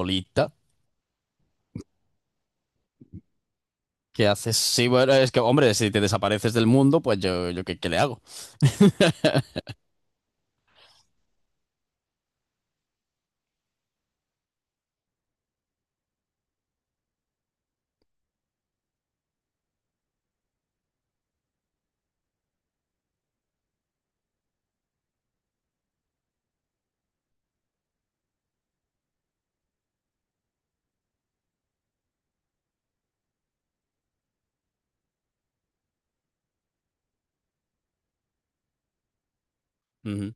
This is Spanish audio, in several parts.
Olita, ¿qué haces? Sí, bueno, es que, hombre, si te desapareces del mundo, pues yo, ¿qué le hago? Ujú.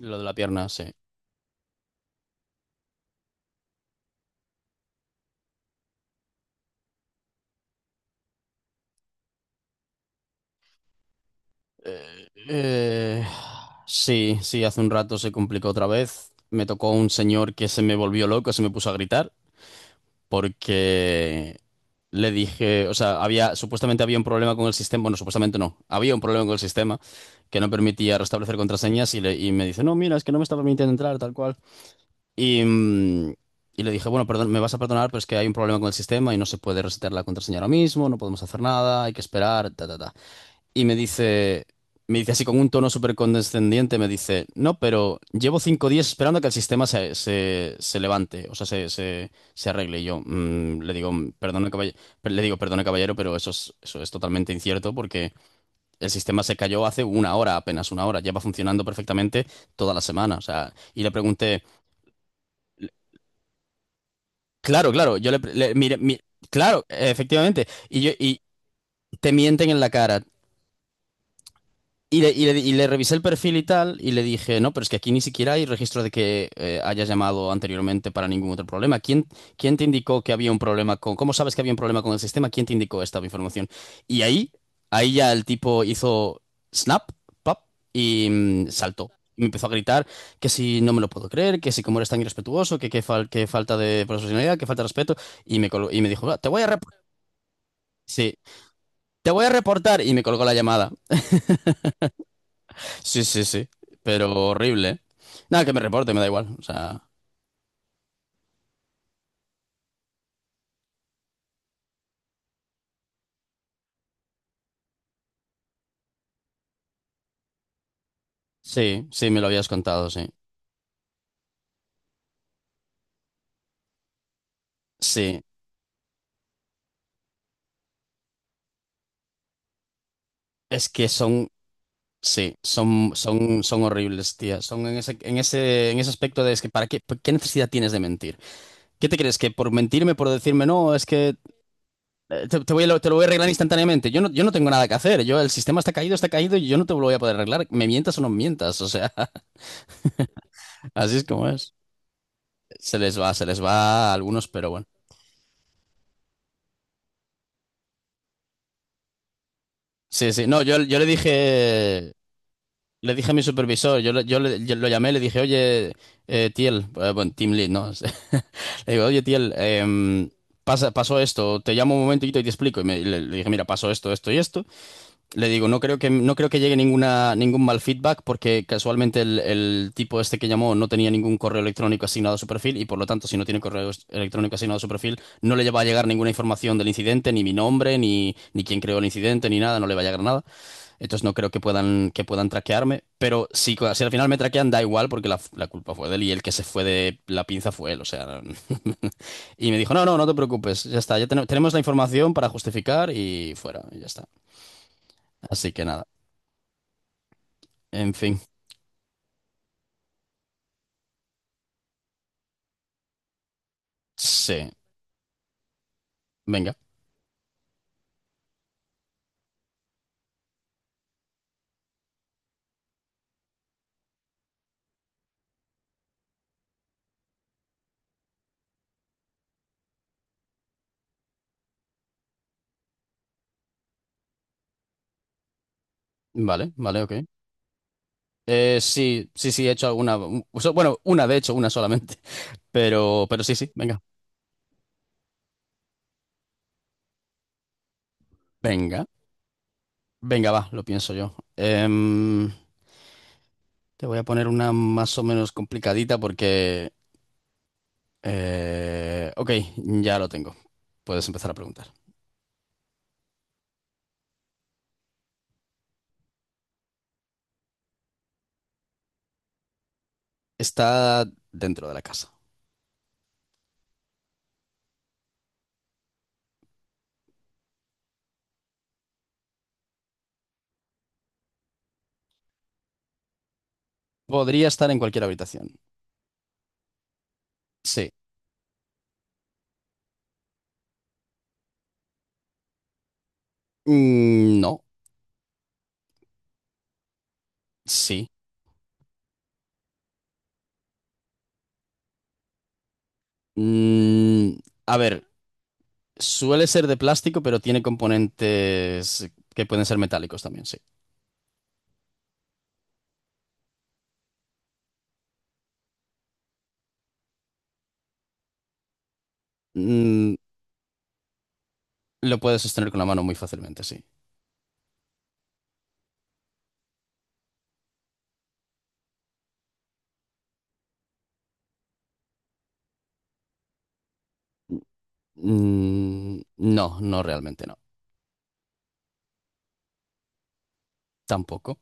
Lo de la pierna, sí. Eh, sí, sí, hace un rato se complicó otra vez. Me tocó un señor que se me volvió loco, se me puso a gritar porque le dije, o sea, había, supuestamente había un problema con el sistema, bueno, supuestamente no, había un problema con el sistema que no permitía restablecer contraseñas y me dice, no, mira, es que no me está permitiendo entrar, tal cual. Y, mm, y le dije, bueno, perdón, me vas a perdonar, pero es que hay un problema con el sistema y no se puede resetear la contraseña ahora mismo, no podemos hacer nada, hay que esperar, ta, ta, ta. Y me dice así con un tono súper condescendiente, me dice, no, pero llevo 5 días esperando a que el sistema se levante, o sea, se arregle. Y yo le digo, perdone, caballero, le digo, perdone, caballero, pero eso es totalmente incierto porque el sistema se cayó hace una hora, apenas una hora, lleva funcionando perfectamente toda la semana, o sea, y le pregunté... Claro, claro, yo le, le- mire, mi- claro, efectivamente, y te mienten en la cara, y le revisé el perfil y tal, y le dije, no, pero es que aquí ni siquiera hay registro de que hayas llamado anteriormente para ningún otro problema. ¿Quién te indicó que había un problema con, cómo sabes que había un problema con el sistema? ¿Quién te indicó esta información? Y ahí ya el tipo hizo snap, pop, y saltó. Y me empezó a gritar que si no me lo puedo creer, que si como eres tan irrespetuoso, que que falta de profesionalidad, que falta de respeto, y me dijo, "Ah, te voy a reportar, sí, te voy a reportar", y me colgó la llamada. Sí, sí, sí. Pero horrible, ¿eh? Nada, que me reporte, me da igual. O sea, sí, sí, me lo habías contado, sí. Sí, es que son, sí, son horribles, tía. Son en ese aspecto de es que, qué necesidad tienes de mentir? ¿Qué te crees? Que por mentirme, por decirme no, es que te lo voy a arreglar instantáneamente. Yo no tengo nada que hacer. El sistema está caído y yo no te lo voy a poder arreglar. Me mientas o no mientas. O sea, así es como es. Se les va a algunos, pero bueno. Sí, sí. No, yo le dije. Le dije a mi supervisor, yo lo llamé, le dije, oye, Tiel, bueno, Team Lead, ¿no? Le digo, oye, Tiel, pasó esto, te llamo un momentito y te explico. Y le dije, mira, pasó esto, esto y esto. Le digo, no creo que llegue ningún mal feedback porque casualmente el tipo este que llamó no tenía ningún correo electrónico asignado a su perfil y por lo tanto, si no tiene correo electrónico asignado a su perfil, no le va a llegar ninguna información del incidente, ni mi nombre, ni quién creó el incidente, ni nada, no le va a llegar nada. Entonces no creo que puedan traquearme. Pero si al final me traquean, da igual porque la culpa fue de él y el que se fue de la pinza fue él. O sea. Y me dijo, no, no, no te preocupes. Ya está, tenemos la información para justificar y fuera. Y ya está. Así que nada. En fin. Sí. Venga. Vale, vale, ok. Sí, sí, sí, he hecho alguna. Bueno, una, de hecho, una solamente. Pero sí, sí, venga. Venga. Venga, va, lo pienso yo. Te voy a poner una más o menos complicadita porque. Ok, ya lo tengo. Puedes empezar a preguntar. Está dentro de la casa. Podría estar en cualquier habitación. Sí. No. Sí. Mm, a ver, suele ser de plástico, pero tiene componentes que pueden ser metálicos también, sí. Mm, lo puedes sostener con la mano muy fácilmente, sí. No, no realmente no. Tampoco.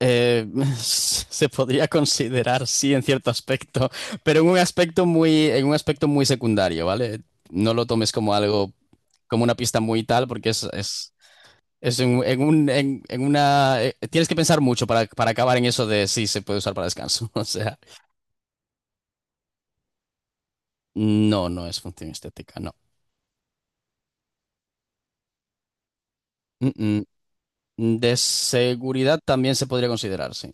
Eh, Se podría considerar, sí, en cierto aspecto, pero en un aspecto muy secundario, ¿vale? No lo tomes como algo, como una pista muy tal, porque es en un, tienes que pensar mucho para acabar en eso de si se puede usar para descanso. O sea, no, no es función estética, no. Mm, mm. De seguridad también se podría considerar, sí.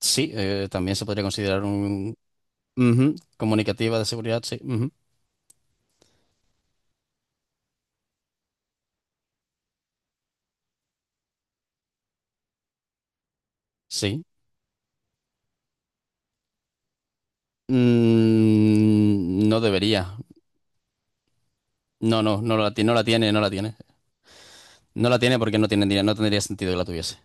Sí, también se podría considerar un... Ujú. Comunicativa de seguridad, sí. Ujú. Sí. No debería. No, no, no la tiene, no la tiene. No la tiene porque no tiene, dinero, no tendría sentido que la tuviese.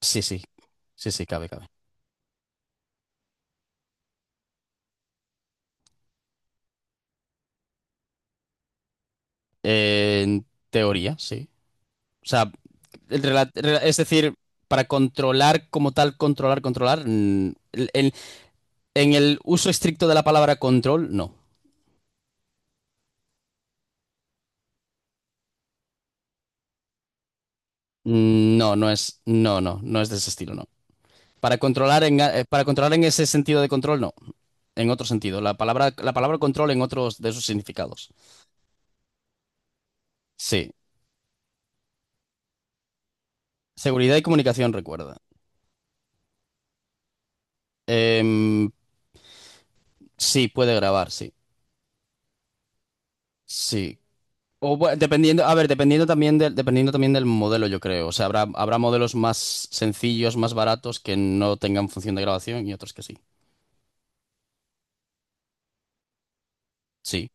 Sí, sí, sí, sí, cabe, cabe. En teoría, sí. O sea, es decir, para controlar como tal, controlar, controlar, mm, el- en el uso estricto de la palabra control, no. No, no es de ese estilo, no. Para controlar en ese sentido de control, no. En otro sentido, la palabra control en otros de sus significados. Sí. Seguridad y comunicación, recuerda. Em, sí, puede grabar, sí. Sí. Dependiendo, a ver, dependiendo también del modelo, yo creo. O sea, habrá modelos más sencillos, más baratos, que no tengan función de grabación y otros que sí. Sí.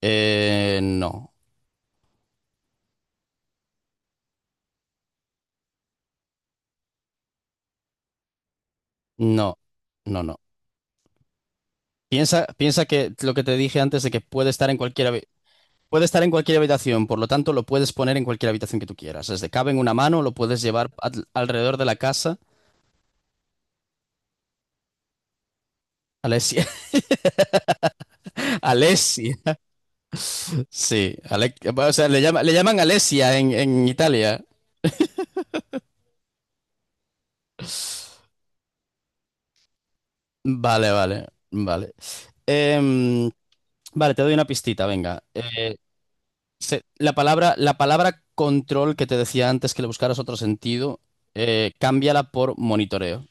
No. No. No, no. Piensa que lo que te dije antes de que puede estar en cualquier habitación, por lo tanto lo puedes poner en cualquier habitación que tú quieras. Desde cabe en una mano, lo puedes llevar alrededor de la casa. Alessia. Alessia. Sí, o sea, le llaman Alesia en Italia. Vale, vale, vale. Em, vale, te doy una pistita, venga. La palabra control que te decía antes que le buscaras otro sentido, cámbiala por monitoreo.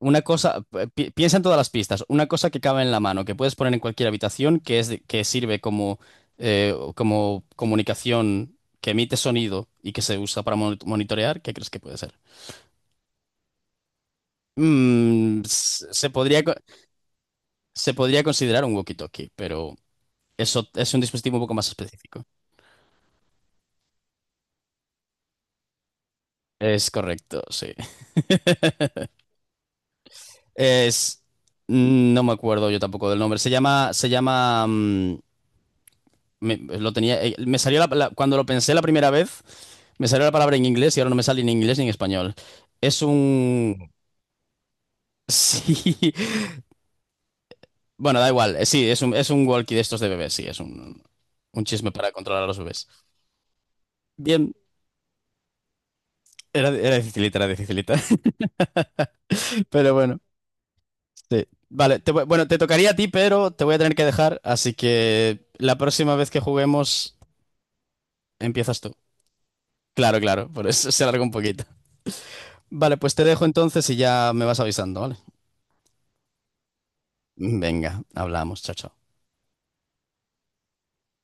Una cosa, piensa en todas las pistas, una cosa que cabe en la mano, que puedes poner en cualquier habitación, que sirve como comunicación, que emite sonido y que se usa para monitorear, ¿qué crees que puede ser? Mm, s- se podría, co- se podría considerar un walkie-talkie, pero eso es un dispositivo un poco más específico. Es correcto, sí. Es, no me acuerdo yo tampoco del nombre. Se llama, mm, me, Lo tenía, me salió cuando lo pensé la primera vez, me salió la palabra en inglés y ahora no me sale ni en inglés ni en español. Es un, sí, bueno, da igual. Sí, es un walkie de estos de bebés, sí, un chisme para controlar a los bebés. Bien, era dificilita, era dificilita. Pero bueno, sí. Vale, bueno, te tocaría a ti, pero te voy a tener que dejar, así que la próxima vez que juguemos empiezas tú. Claro, claro, por eso se alargó un poquito. Vale, pues te dejo entonces y ya me vas avisando, ¿vale? Venga, hablamos, chao, chao.